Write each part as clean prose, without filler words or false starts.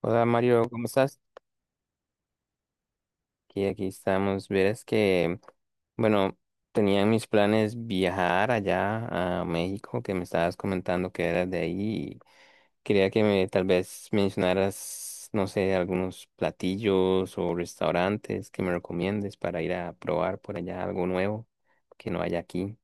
Hola Mario, ¿cómo estás? Aquí estamos. Verás que, bueno, tenía en mis planes viajar allá a México, que me estabas comentando que eras de ahí. y Quería que me tal vez mencionaras, no sé, algunos platillos o restaurantes que me recomiendes para ir a probar por allá algo nuevo que no haya aquí.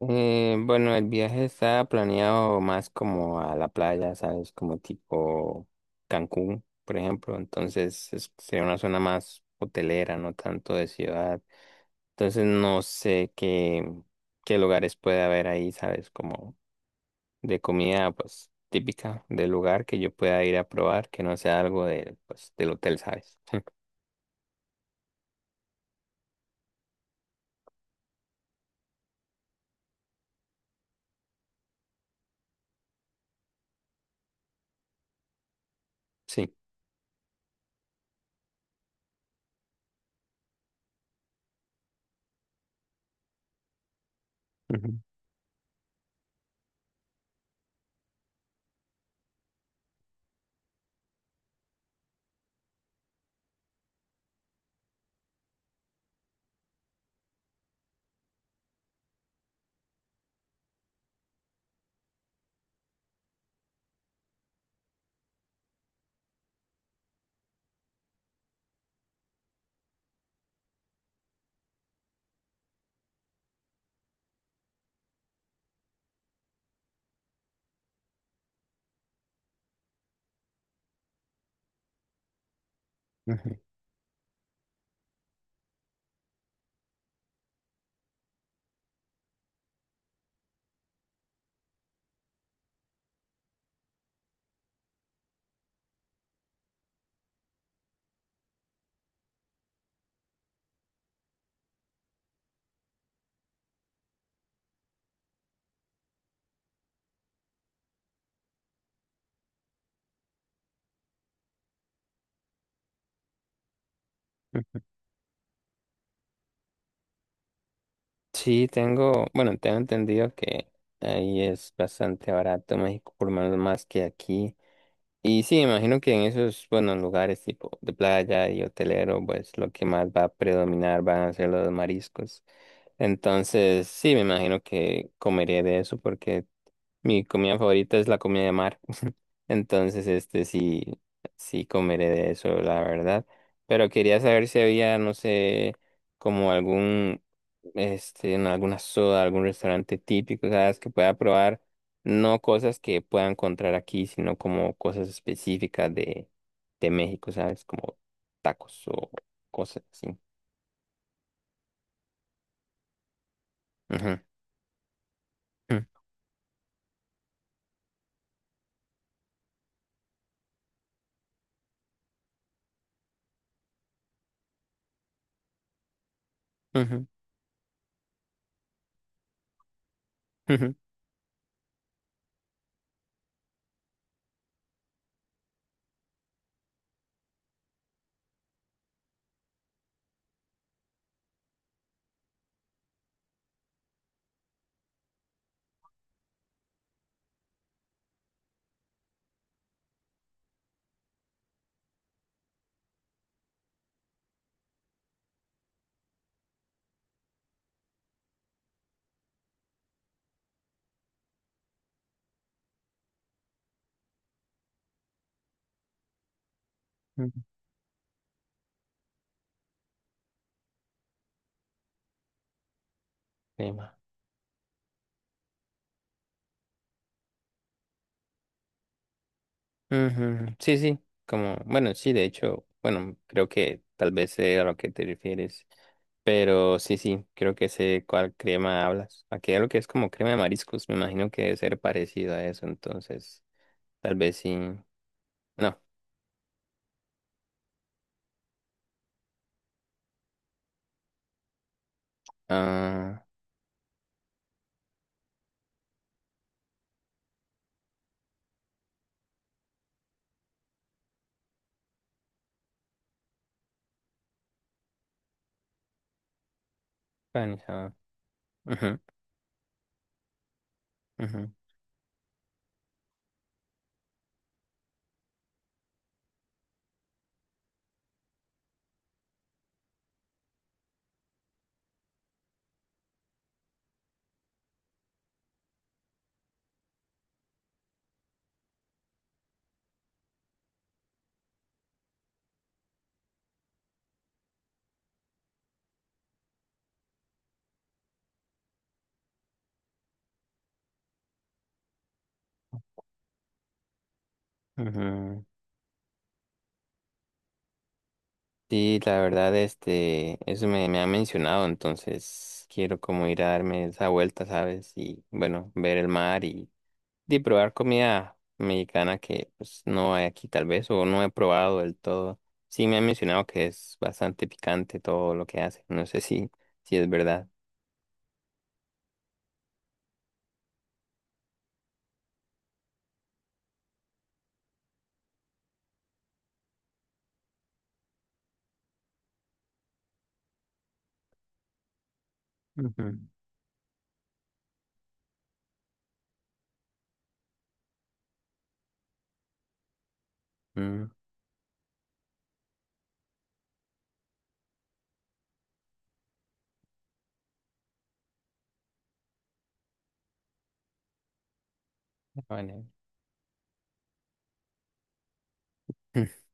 Bueno, el viaje está planeado más como a la playa, ¿sabes? Como tipo Cancún, por ejemplo. Entonces sería una zona más hotelera, no tanto de ciudad. Entonces no sé qué lugares puede haber ahí, ¿sabes? Como de comida, pues típica del lugar que yo pueda ir a probar, que no sea algo de, pues, del hotel, ¿sabes? Sí. Ujú, ujú, ujú. Sí, tengo, bueno, tengo entendido que ahí es bastante barato México, por lo menos más que aquí. Y sí, imagino que en esos, bueno, lugares tipo de playa y hotelero, pues lo que más va a predominar van a ser los mariscos. Entonces, sí, me imagino que comeré de eso porque mi comida favorita es la comida de mar. Entonces, sí, sí comeré de eso, la verdad. Pero quería saber si había, no sé, como algún, en alguna soda, algún restaurante típico, ¿sabes? Que pueda probar, no cosas que pueda encontrar aquí, sino como cosas específicas de México, ¿sabes? Como tacos o cosas así. Ujú, ujú, ujú, ujú, ujú. Sí, ujú, sí, sí, como, bueno, sí, de hecho, bueno, creo que tal vez sé a lo que te refieres, pero sí, sí, creo que sé cuál crema hablas. Aquí lo que es como crema de mariscos, me imagino que debe ser parecido a eso, entonces, tal vez sí, no, ah, Spanish, ah, ujú, ujú, ujú. Sí, la verdad, este, me ha mencionado, entonces quiero como ir a darme esa vuelta, ¿sabes? Y bueno, ver el mar de probar comida mexicana que pues no hay aquí tal vez o no he probado del todo. Sí me han mencionado que es bastante picante todo lo que hace. No sé si es verdad. Ujú. Mm, vale.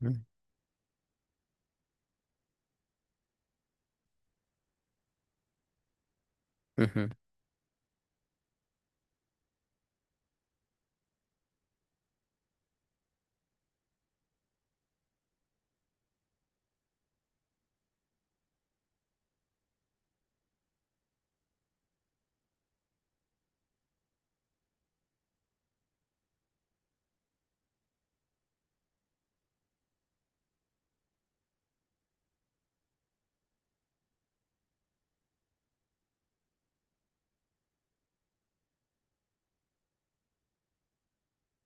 Ujú, ujú.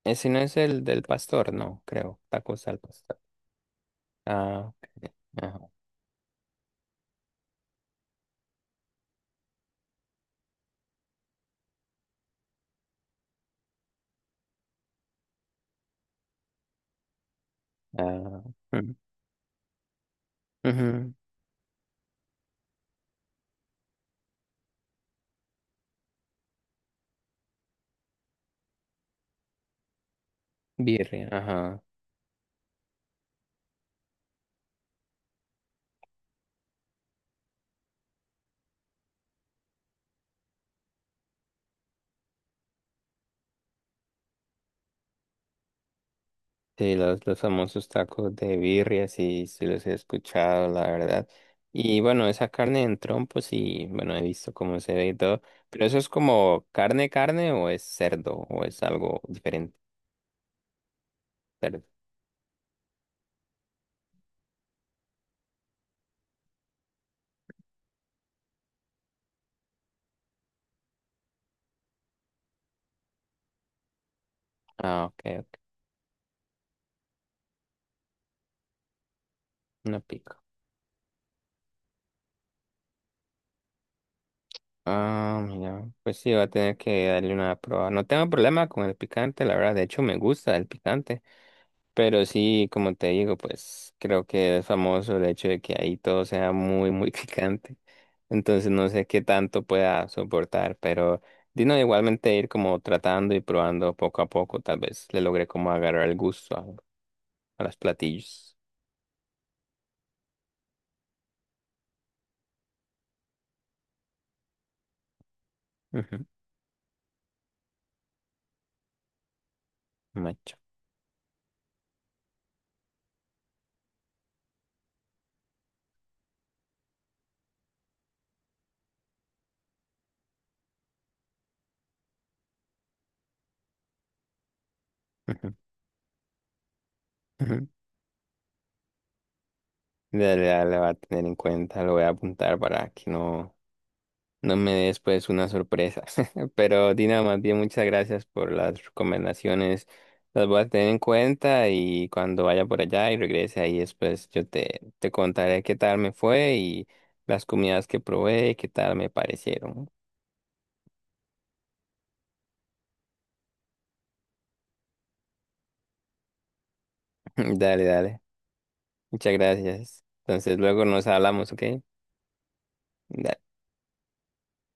Ese no es el del pastor, no, creo. Tacos al pastor. Ah, ok. Ajá. Ah, ujú. Ujú. Birria, ajá. Sí, los famosos tacos de birria, sí, sí los he escuchado, la verdad. Y bueno, esa carne en trompos, y bueno, he visto cómo se ve y todo. Pero eso es como carne, o es cerdo, o es algo diferente. Cerdo. Ah, ok. No pico. Ah, mira, pues sí, va a tener que darle una prueba. No tengo problema con el picante, la verdad. De hecho, me gusta el picante. Pero sí, como te digo, pues creo que es famoso el hecho de que ahí todo sea muy, muy picante. Entonces no sé qué tanto pueda soportar, pero Dino igualmente ir como tratando y probando poco a poco, tal vez le logre como agarrar el gusto a los platillos. Ujú, macho. Ujú, ujú. Dale, dale, va a tener en cuenta, lo voy a apuntar para que no. No me des pues una sorpresa. Pero Dina, más bien muchas gracias por las recomendaciones. Las voy a tener en cuenta y cuando vaya por allá y regrese ahí después yo te contaré qué tal me fue y las comidas que probé, y qué tal me parecieron. Dale, dale. Muchas gracias. Entonces luego nos hablamos, ¿ok? Dale.